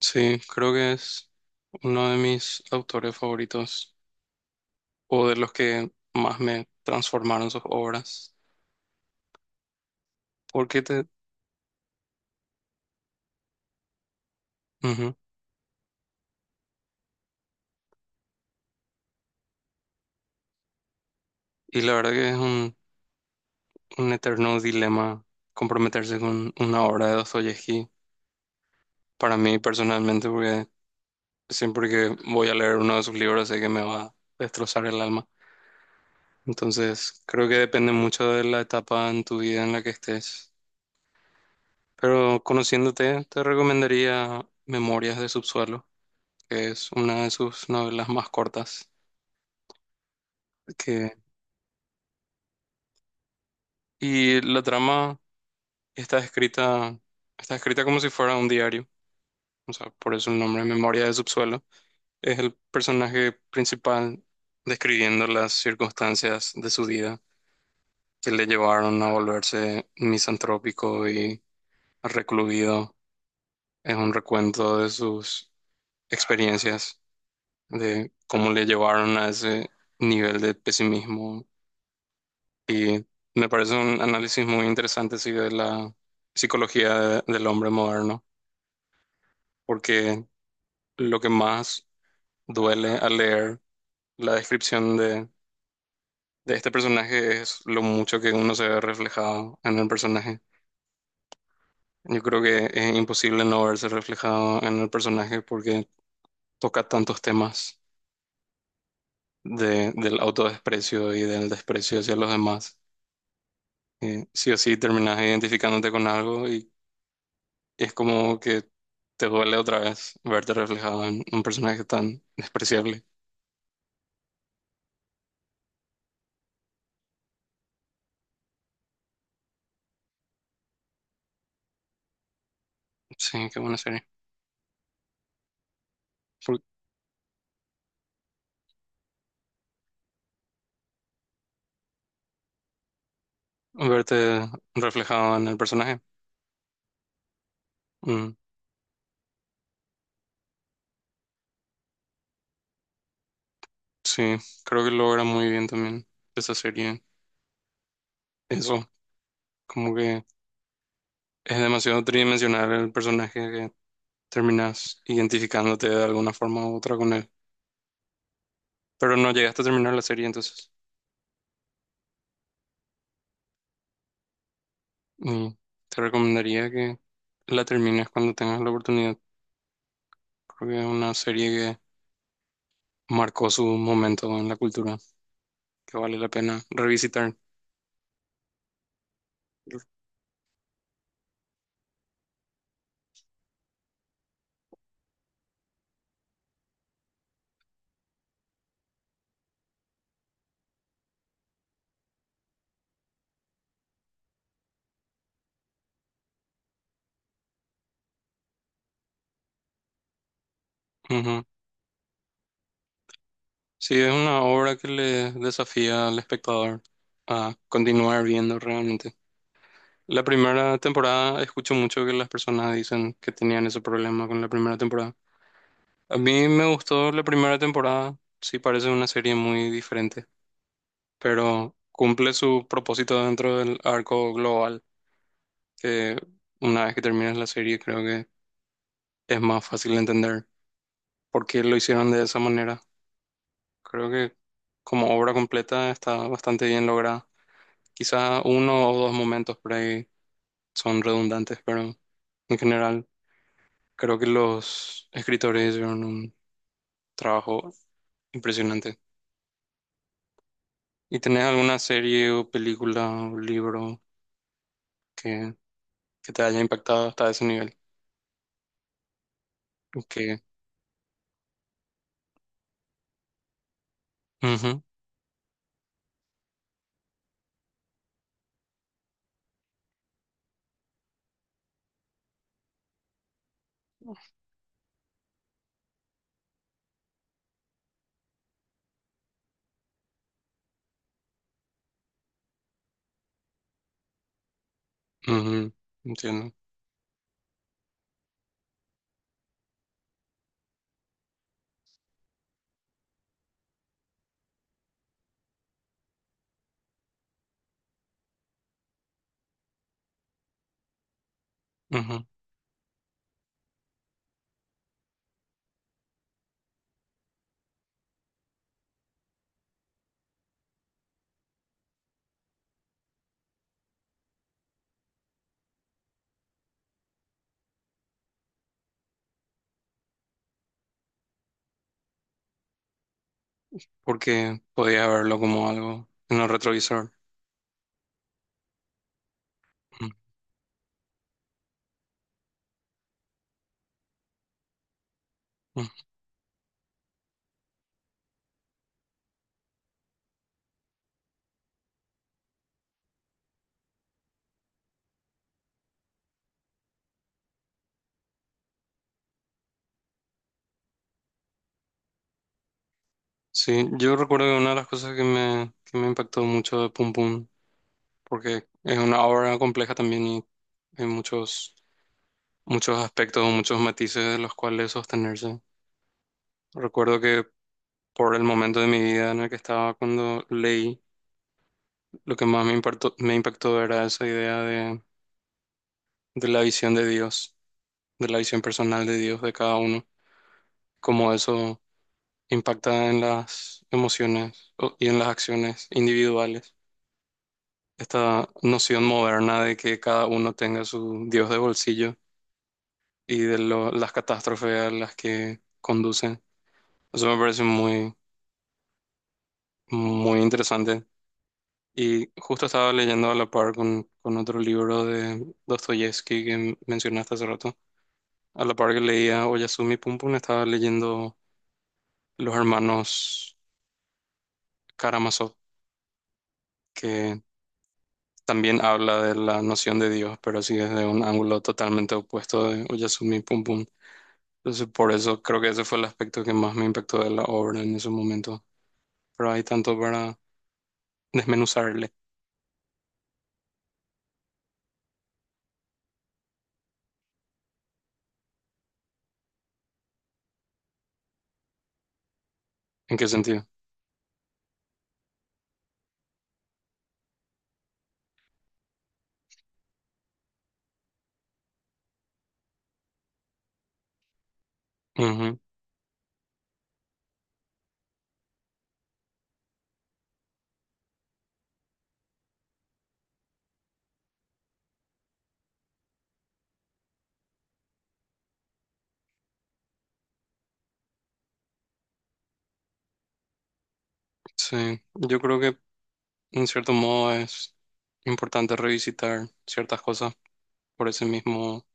Sí, creo que es uno de mis autores favoritos o de los que más me transformaron sus obras. Porque te... Ujú. Y la verdad que es un eterno dilema comprometerse con una obra de Dostoyevsky. Para mí personalmente, porque siempre que voy a leer uno de sus libros sé que me va a destrozar el alma. Entonces, creo que depende mucho de la etapa en tu vida en la que estés. Pero conociéndote, te recomendaría Memorias de Subsuelo que es una de sus novelas más cortas. Que, y la trama está escrita, está escrita como si fuera un diario, o sea, por eso el nombre, Memoria de Subsuelo. Es el personaje principal describiendo las circunstancias de su vida que le llevaron a volverse misantrópico y recluido. Es un recuento de sus experiencias, de cómo le llevaron a ese nivel de pesimismo. Y me parece un análisis muy interesante, sí, de la psicología del hombre moderno, porque lo que más duele al leer la descripción de este personaje es lo mucho que uno se ve reflejado en el personaje. Yo creo que es imposible no verse reflejado en el personaje porque toca tantos temas del autodesprecio y del desprecio hacia los demás. Sí o sí terminas identificándote con algo es como que te duele otra vez verte reflejado en un personaje tan despreciable. Sí, qué buena serie. Por- Verte reflejado en el personaje. Mm, sí, creo que logra muy bien también esa serie. Eso, como que es demasiado tridimensional el personaje que terminas identificándote de alguna forma u otra con él. Pero no llegaste a terminar la serie, entonces. Y te recomendaría que la termines cuando tengas la oportunidad. Creo que es una serie que marcó su momento en la cultura, que vale la pena revisitar. Ujú. Sí, es una obra que le desafía al espectador a continuar viendo realmente. La primera temporada, escucho mucho que las personas dicen que tenían ese problema con la primera temporada. A mí me gustó la primera temporada, sí parece una serie muy diferente, pero cumple su propósito dentro del arco global, que una vez que terminas la serie creo que es más fácil entender por qué lo hicieron de esa manera. Creo que como obra completa está bastante bien lograda. Quizá uno o dos momentos por ahí son redundantes, pero en general creo que los escritores hicieron un trabajo impresionante. ¿Y tenés alguna serie o película o libro que, que te haya impactado hasta ese nivel? Que, ujú, ujú, entiendo. Ujú. Porque podía verlo como algo en el retrovisor. Ujú, ujú. Sí, yo recuerdo que una de las cosas que me impactó mucho de Pum Pum porque es una obra compleja también y hay muchos, muchos aspectos, muchos matices de los cuales sostenerse. Recuerdo que por el momento de mi vida en el que estaba cuando leí, lo que más me impactó era esa idea de, la visión de Dios, de la visión personal de Dios de cada uno, cómo eso impacta en las emociones y en las acciones individuales. Esta noción moderna de que cada uno tenga su Dios de bolsillo y de las catástrofes a las que conducen. Eso me parece muy, muy interesante. Y justo estaba leyendo a la par con otro libro de Dostoyevsky que mencionaste hace rato. A la par que leía Oyasumi Pum Pum, estaba leyendo Los hermanos Karamazov, que también habla de la noción de Dios, pero así desde un ángulo totalmente opuesto de Oyasumi Pum Pum. Entonces, por eso creo que ese fue el aspecto que más me impactó de la obra en ese momento. Pero hay tanto para desmenuzarle. ¿En qué sentido? Ujú. Sí, yo creo que en cierto modo es importante revisitar ciertas cosas por ese mismo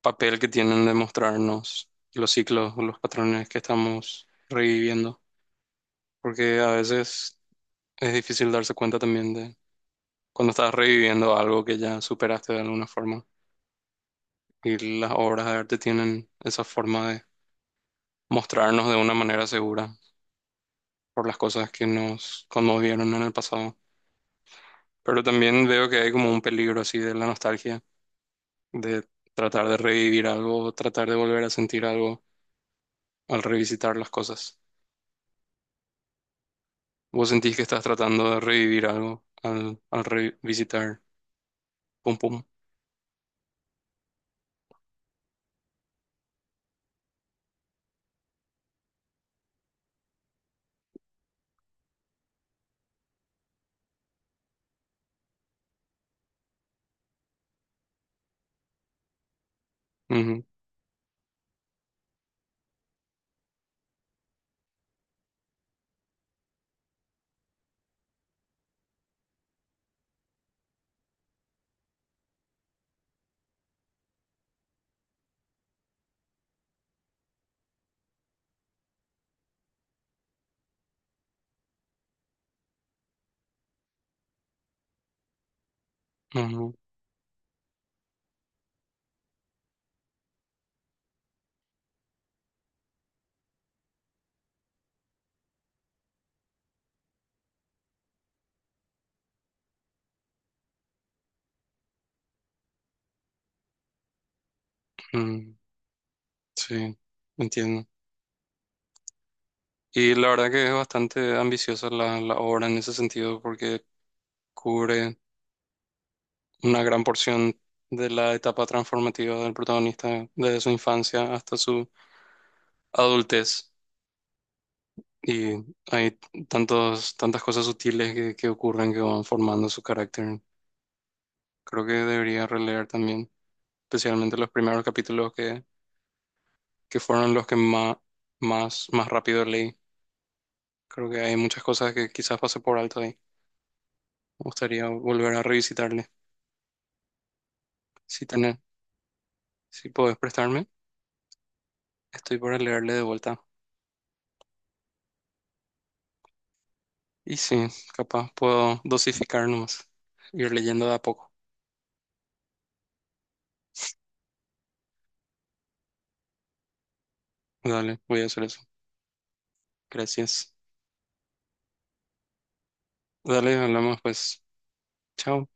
papel que tienen de mostrarnos los ciclos o los patrones que estamos reviviendo, porque a veces es difícil darse cuenta también de cuando estás reviviendo algo que ya superaste de alguna forma y las obras de arte tienen esa forma de mostrarnos de una manera segura por las cosas que nos conmovieron en el pasado. Pero también veo que hay como un peligro así de la nostalgia, de tratar de revivir algo, tratar de volver a sentir algo al revisitar las cosas. ¿Vos sentís que estás tratando de revivir algo al revisitar Pum Pum? Ujú, ujú, ujú. Sí, entiendo. Y la verdad que es bastante ambiciosa la obra en ese sentido porque cubre una gran porción de la etapa transformativa del protagonista desde su infancia hasta su adultez. Y hay tantas cosas sutiles que ocurren que van formando su carácter. Creo que debería releer también, especialmente los primeros capítulos que fueron los que más, más, más rápido leí. Creo que hay muchas cosas que quizás pasé por alto ahí. Me gustaría volver a revisitarle. Si tenés, si podés prestarme, estoy para leerle de vuelta. Y sí, capaz puedo dosificar nomás, ir leyendo de a poco. Dale, voy a hacer eso. Gracias. Dale, hablamos pues. Chao.